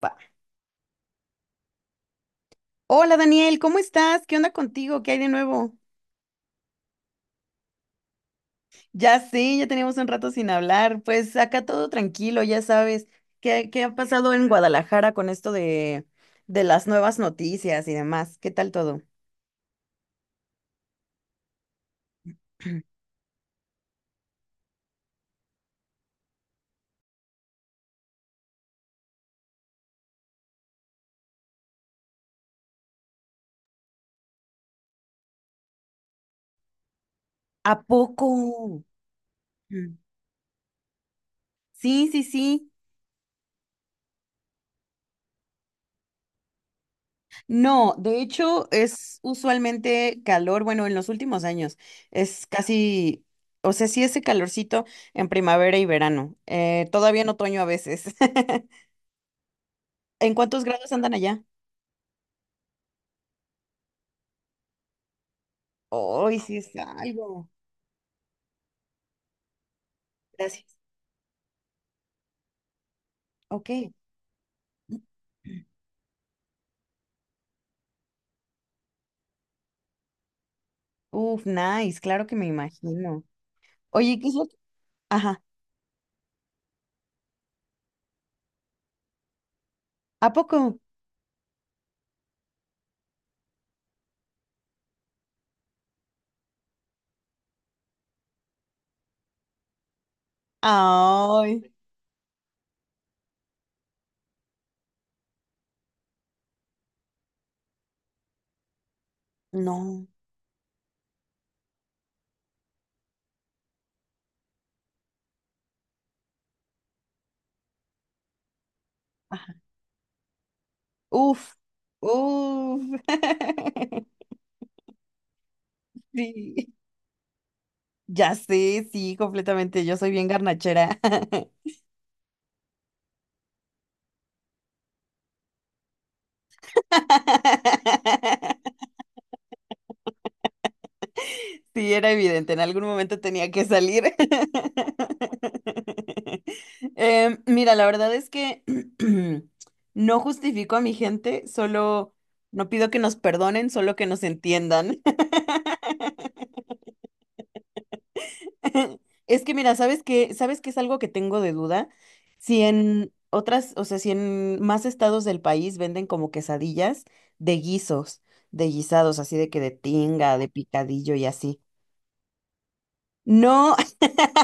Pa. Hola Daniel, ¿cómo estás? ¿Qué onda contigo? ¿Qué hay de nuevo? Ya sé, ya teníamos un rato sin hablar. Pues acá todo tranquilo, ya sabes. ¿Qué ha pasado en Guadalajara con esto de las nuevas noticias y demás? ¿Qué tal todo? ¿A poco? Mm. Sí, sí, sí. No, de hecho es usualmente calor, bueno, en los últimos años es casi, o sea, sí ese calorcito en primavera y verano, todavía en otoño a veces. ¿En cuántos grados andan allá? Hoy sí es algo. Gracias. Ok. Uf, nice, claro que me imagino. Oye, ¿qué es lo que- Ajá, ¿a poco? Ay, no. Ajá. Uf, uf. Sí, ya sé, sí, completamente. Yo soy bien garnachera. Sí, era evidente, en algún momento tenía que salir. Mira, la verdad es que no justifico a mi gente, solo no pido que nos perdonen, solo que nos entiendan. Es que mira, ¿sabes qué? ¿Sabes qué es algo que tengo de duda? Si en otras, o sea, si en más estados del país venden como quesadillas de guisos, de guisados, así de que de tinga, de picadillo y así. No,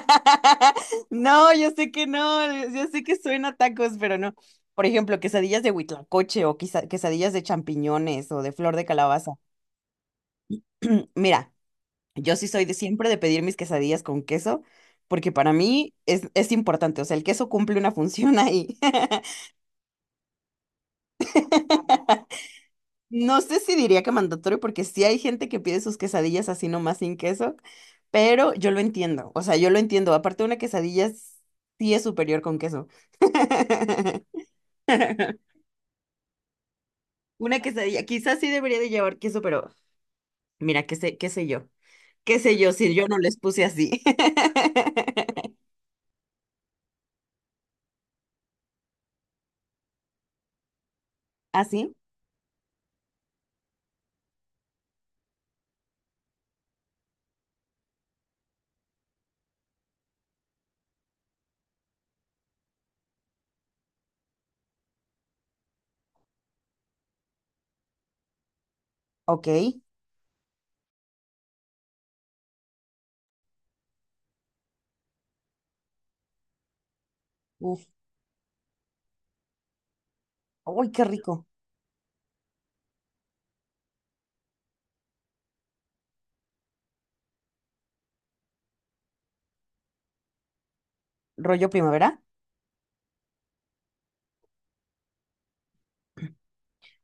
no, yo sé que no, yo sé que suena a tacos, pero no. Por ejemplo, quesadillas de huitlacoche o quesadillas de champiñones o de flor de calabaza. Mira, yo sí soy de siempre de pedir mis quesadillas con queso, porque para mí es importante, o sea, el queso cumple una función ahí. No sé si diría que mandatorio, porque sí hay gente que pide sus quesadillas así nomás sin queso, pero yo lo entiendo, o sea, yo lo entiendo. Aparte, una sí es superior con queso. Una quesadilla, quizás sí debería de llevar queso, pero mira, qué sé yo si yo no les puse así. ¿Así? Ok. Uf. Uy, qué rico. ¿Rollo primavera?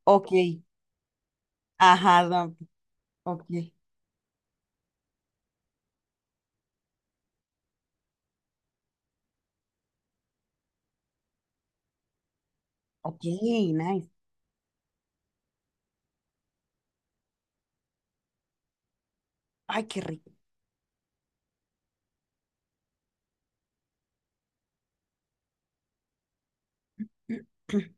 Ok. Ajá, da- ok. Ok, nice. Ay, qué rico.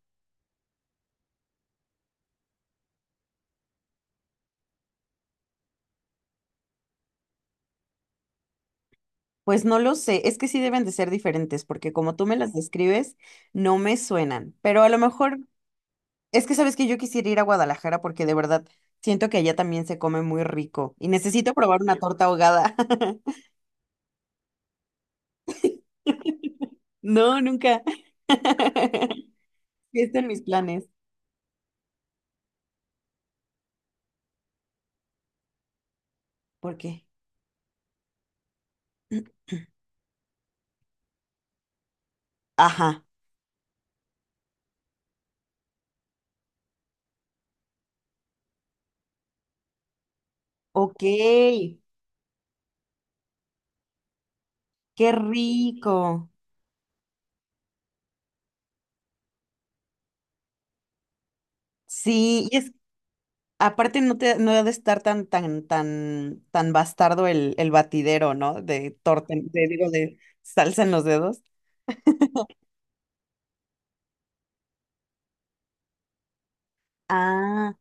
Pues no lo sé, es que sí deben de ser diferentes, porque como tú me las describes, no me suenan, pero a lo mejor es que sabes que yo quisiera ir a Guadalajara porque de verdad siento que allá también se come muy rico y necesito probar una torta ahogada. No, nunca. Sí están mis planes. ¿Por qué? Ajá. Ok, qué rico. Sí, y es aparte no ha de estar tan bastardo el batidero, ¿no? De torta, digo, de salsa en los dedos. Ah,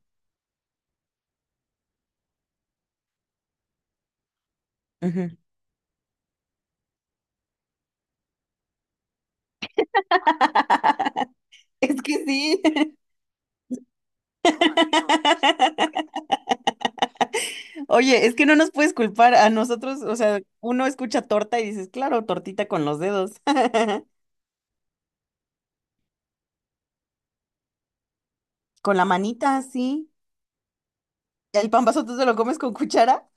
ujú. Es que sí. Oye, es que no nos puedes culpar a nosotros, o sea, uno escucha torta y dices, claro, tortita con los dedos. Con la manita, sí. ¿El pan vasote te lo comes con cuchara?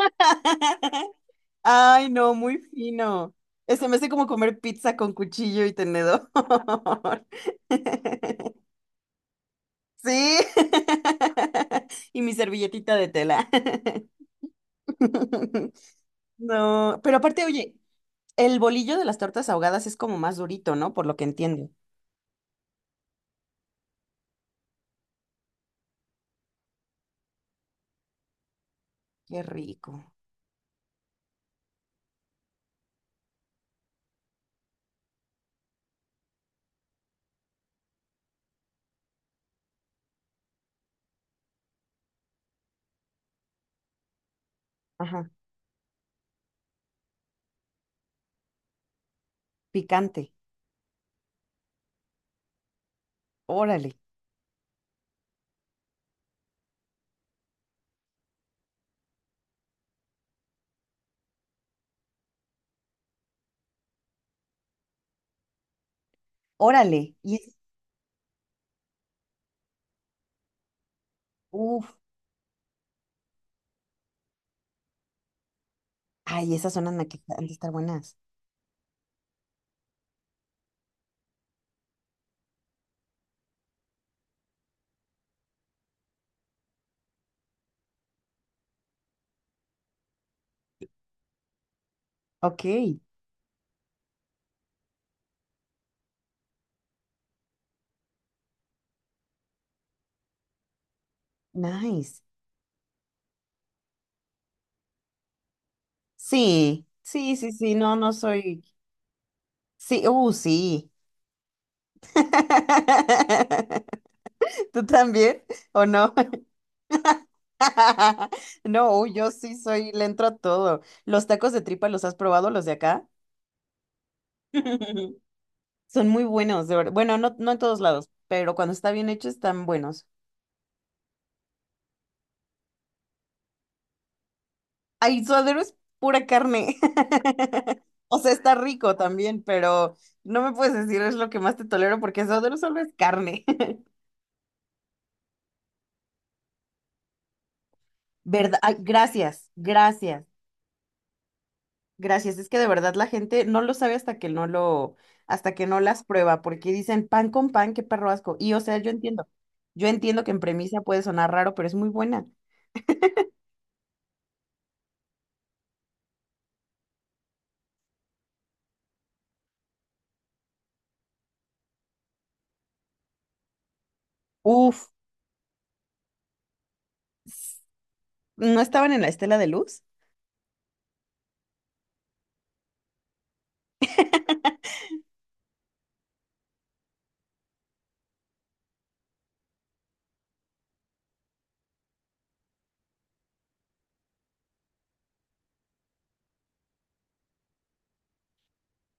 Ay, no, muy fino. Se me hace como comer pizza con cuchillo y tenedor. Sí. Y mi servilletita de tela. No, pero aparte, oye, el bolillo de las tortas ahogadas es como más durito, ¿no? Por lo que entiendo. Qué rico. Ajá, picante. Órale, órale. Y es, uf, ay, esas son las que han de estar buenas. Ok, nice. Sí, sí, sí, sí, no, no soy. Sí, sí. ¿Tú también? ¿O no? No, uy, yo sí soy, le entro a todo. ¿Los tacos de tripa los has probado, los de acá? Son muy buenos, de verdad. Bueno, no, no en todos lados, pero cuando está bien hecho están buenos. Ay, suadero es pura carne. O sea, está rico también, pero no me puedes decir es lo que más te tolero porque suadero solo es carne. ¿Verdad? Ay, gracias, gracias. Gracias, es que de verdad la gente no lo sabe hasta que no lo, hasta que no las prueba, porque dicen pan con pan, qué perro asco. Y o sea, yo entiendo que en premisa puede sonar raro, pero es muy buena. Uf, ¿no estaban en la estela de luz?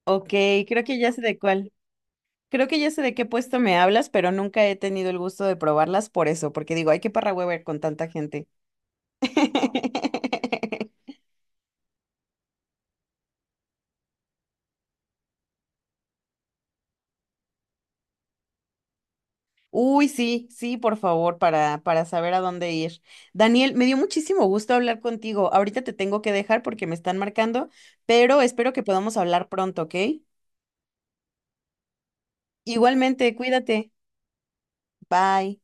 Ok, creo que ya sé de cuál. Creo que ya sé de qué puesto me hablas, pero nunca he tenido el gusto de probarlas por eso, porque digo, ay, qué parra hueva con tanta gente. Uy, sí, sí, por favor, para saber a dónde ir. Daniel, me dio muchísimo gusto hablar contigo. Ahorita te tengo que dejar porque me están marcando, pero espero que podamos hablar pronto, ¿ok? Igualmente, cuídate. Bye.